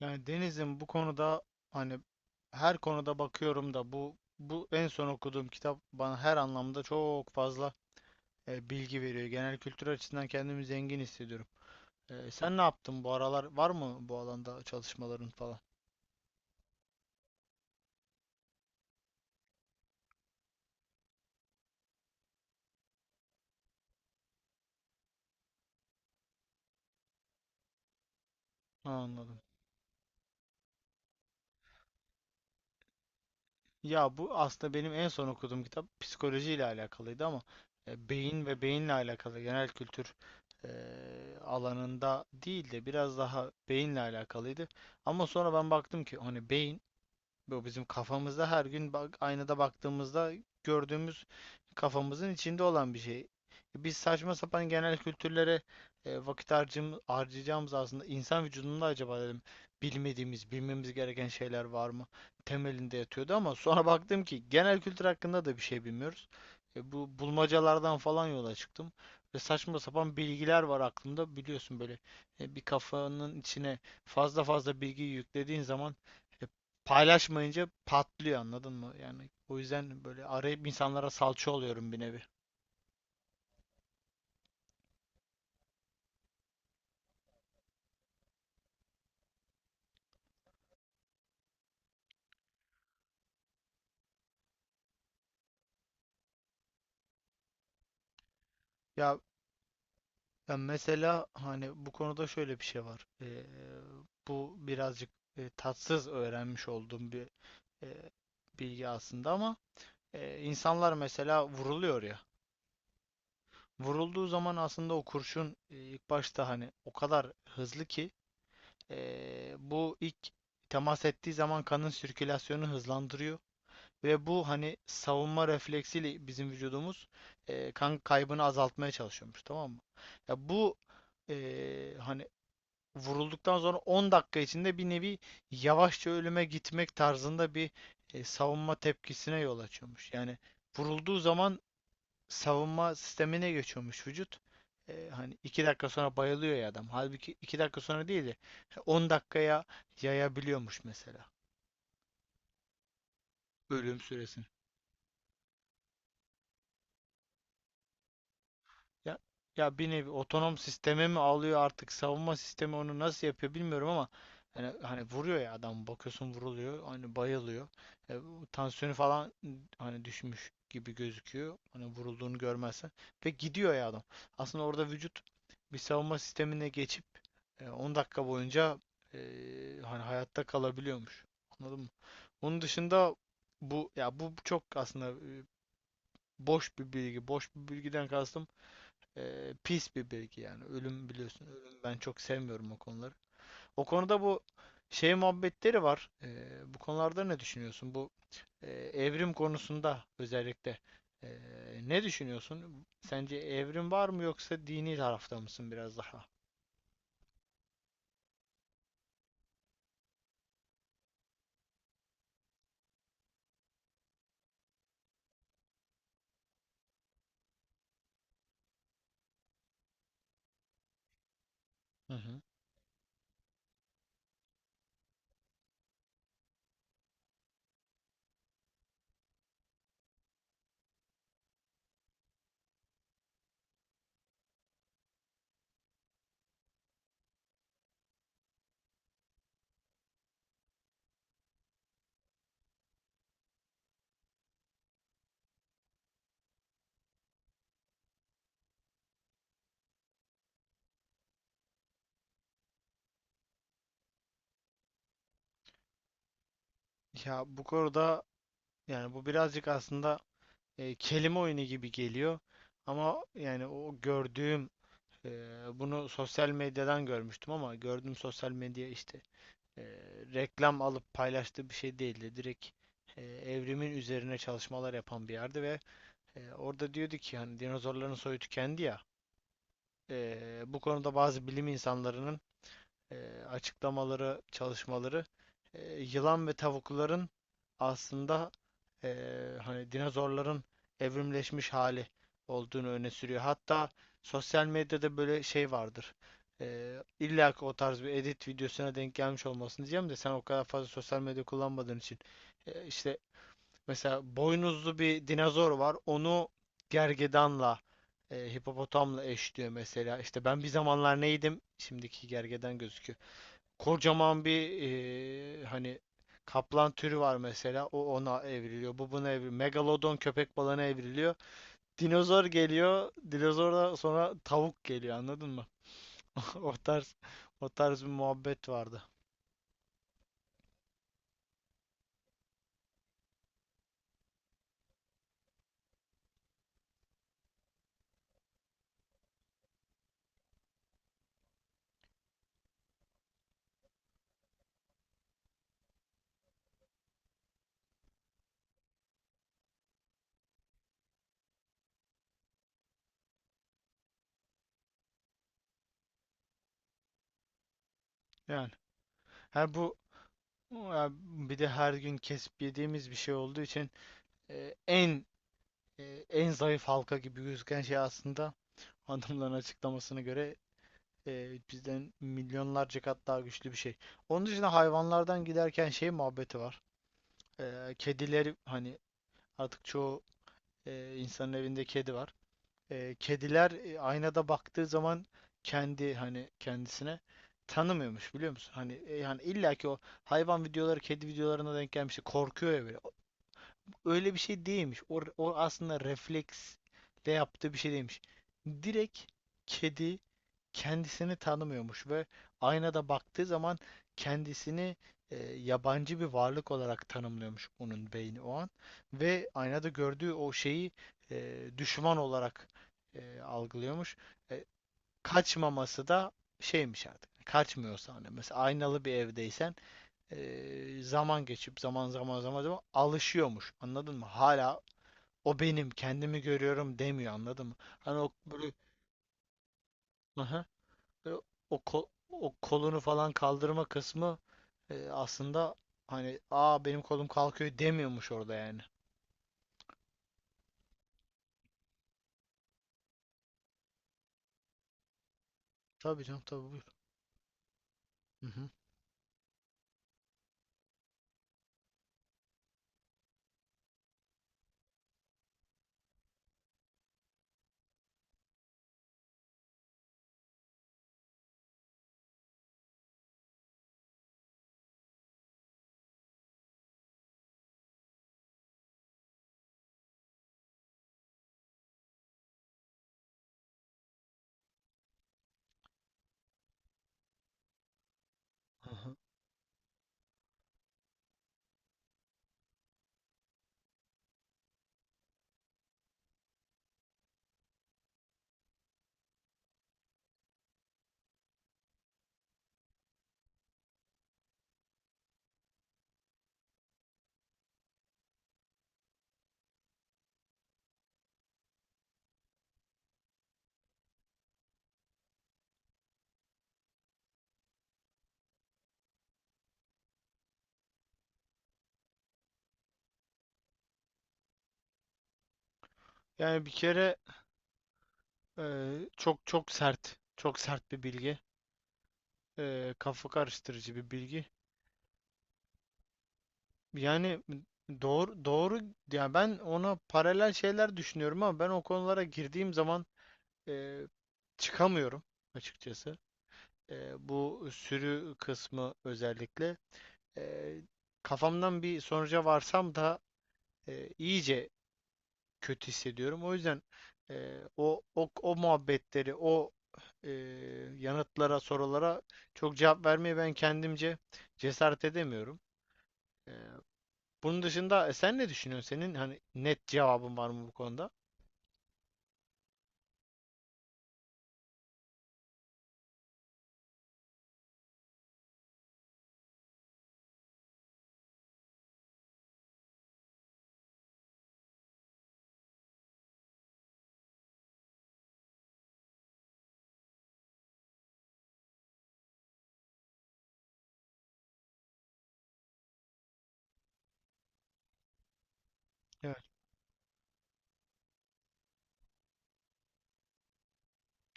Yani Deniz'in bu konuda hani her konuda bakıyorum da bu en son okuduğum kitap bana her anlamda çok fazla bilgi veriyor. Genel kültür açısından kendimi zengin hissediyorum. Sen ne yaptın bu aralar? Var mı bu alanda çalışmaların falan? Ha, anladım. Ya bu aslında benim en son okuduğum kitap psikolojiyle alakalıydı ama beyin ve beyinle alakalı genel kültür e, alanında değil de biraz daha beyinle alakalıydı. Ama sonra ben baktım ki hani beyin bu bizim kafamızda her gün bak, aynada baktığımızda gördüğümüz, kafamızın içinde olan bir şey. Biz saçma sapan genel kültürlere vakit harcayacağımız aslında insan vücudunda acaba dedim, bilmediğimiz, bilmemiz gereken şeyler var mı? Temelinde yatıyordu ama sonra baktım ki genel kültür hakkında da bir şey bilmiyoruz. Bu bulmacalardan falan yola çıktım. Ve saçma sapan bilgiler var aklımda biliyorsun, böyle bir kafanın içine fazla fazla bilgi yüklediğin zaman e, paylaşmayınca patlıyor, anladın mı? Yani o yüzden böyle arayıp insanlara salça oluyorum bir nevi. Ya ben mesela hani bu konuda şöyle bir şey var. Bu birazcık tatsız öğrenmiş olduğum bir e, bilgi aslında ama insanlar mesela vuruluyor ya. Vurulduğu zaman aslında o kurşun, ilk başta hani o kadar hızlı ki bu ilk temas ettiği zaman kanın sirkülasyonu hızlandırıyor. Ve bu hani savunma refleksiyle bizim vücudumuz kan kaybını azaltmaya çalışıyormuş, tamam mı? Ya bu hani vurulduktan sonra 10 dakika içinde bir nevi yavaşça ölüme gitmek tarzında bir savunma tepkisine yol açıyormuş. Yani vurulduğu zaman savunma sistemine geçiyormuş vücut. Hani 2 dakika sonra bayılıyor ya adam. Halbuki 2 dakika sonra değil de 10 dakikaya yayabiliyormuş mesela ölüm süresini. Ya, ya bir nevi otonom sisteme mi alıyor artık, savunma sistemi onu nasıl yapıyor bilmiyorum ama hani vuruyor ya adam, bakıyorsun vuruluyor, hani bayılıyor. Bu tansiyonu falan hani düşmüş gibi gözüküyor, hani vurulduğunu görmezsen, ve gidiyor ya adam, aslında orada vücut bir savunma sistemine geçip 10 dakika boyunca e, hani hayatta kalabiliyormuş, anladın mı? Onun dışında bu ya bu çok aslında e, boş bir bilgi, boş bir bilgiden kastım pis bir bilgi yani. Ölüm biliyorsun. Ölüm, ben çok sevmiyorum o konuları. O konuda bu şey muhabbetleri var. Bu konularda ne düşünüyorsun? Bu evrim konusunda özellikle e, ne düşünüyorsun? Sence evrim var mı, yoksa dini tarafta mısın biraz daha? Hı hı. Ya bu konuda yani bu birazcık aslında kelime oyunu gibi geliyor. Ama yani o gördüğüm, e, bunu sosyal medyadan görmüştüm ama gördüğüm sosyal medya işte e, reklam alıp paylaştığı bir şey değildi. Direkt evrimin üzerine çalışmalar yapan bir yerdi ve orada diyordu ki hani dinozorların soyu tükendi ya. Bu konuda bazı bilim insanlarının e, açıklamaları, çalışmaları yılan ve tavukların aslında e, hani dinozorların evrimleşmiş hali olduğunu öne sürüyor. Hatta sosyal medyada böyle şey vardır. E, illa ki o tarz bir edit videosuna denk gelmiş olmasın diyeceğim de, sen o kadar fazla sosyal medya kullanmadığın için. İşte mesela boynuzlu bir dinozor var. Onu gergedanla, hipopotamla eşliyor mesela. İşte ben bir zamanlar neydim? Şimdiki gergedan gözüküyor, kocaman bir hani kaplan türü var mesela. O ona evriliyor. Bu buna evriliyor. Megalodon köpek balığına evriliyor. Dinozor geliyor. Dinozordan sonra tavuk geliyor. Anladın mı? O tarz o tarz bir muhabbet vardı. Yani her bu ya, bir de her gün kesip yediğimiz bir şey olduğu için e, en e, en zayıf halka gibi gözüken şey aslında adamların açıklamasına göre bizden milyonlarca kat daha güçlü bir şey. Onun dışında hayvanlardan giderken şey muhabbeti var. Kedileri hani artık çoğu insanın evinde kedi var. Kediler aynada baktığı zaman kendi, hani kendisine tanımıyormuş, biliyor musun? Hani yani illaki o hayvan videoları, kedi videolarına denk gelmişti. Korkuyor ya böyle. Öyle bir şey değilmiş. O aslında refleksle yaptığı bir şey değilmiş. Direkt kedi kendisini tanımıyormuş ve aynada baktığı zaman kendisini yabancı bir varlık olarak tanımlıyormuş onun beyni o an, ve aynada gördüğü o şeyi düşman olarak algılıyormuş. E, Kaçmaması da şeymiş artık. Kaçmıyorsa hani, mesela aynalı bir evdeysen zaman geçip zaman zaman alışıyormuş. Anladın mı? Hala o benim kendimi görüyorum demiyor, anladın mı? Hani o böyle. Aha. E, o kolunu falan kaldırma kısmı aslında hani aa benim kolum kalkıyor demiyormuş orada yani. Tabii canım, tabii buyur. Hı hı. Aha. Yani bir kere e, çok çok sert, çok sert bir bilgi. Kafa karıştırıcı bir bilgi. Yani doğru doğru, yani ben ona paralel şeyler düşünüyorum ama ben o konulara girdiğim zaman e, çıkamıyorum açıkçası. Bu sürü kısmı özellikle. Eee, Kafamdan bir sonuca varsam da iyice kötü hissediyorum. O yüzden o muhabbetleri, o eee, yanıtlara, sorulara çok cevap vermeye ben kendimce cesaret edemiyorum. Eee, Bunun dışında sen ne düşünüyorsun? Senin hani net cevabın var mı bu konuda? Evet,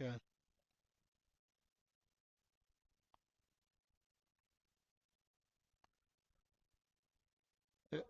evet. E,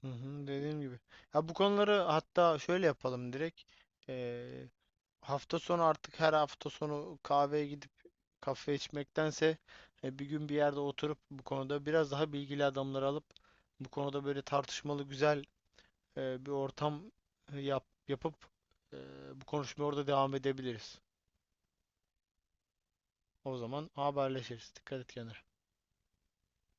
hı hı, dediğim gibi. Ya bu konuları hatta şöyle yapalım direkt. Hafta sonu, artık her hafta sonu kahveye gidip kafe içmektense bir gün bir yerde oturup bu konuda biraz daha bilgili adamları alıp bu konuda böyle tartışmalı güzel bir ortam yapıp e, bu konuşmaya orada devam edebiliriz. O zaman haberleşiriz. Dikkat et kendine.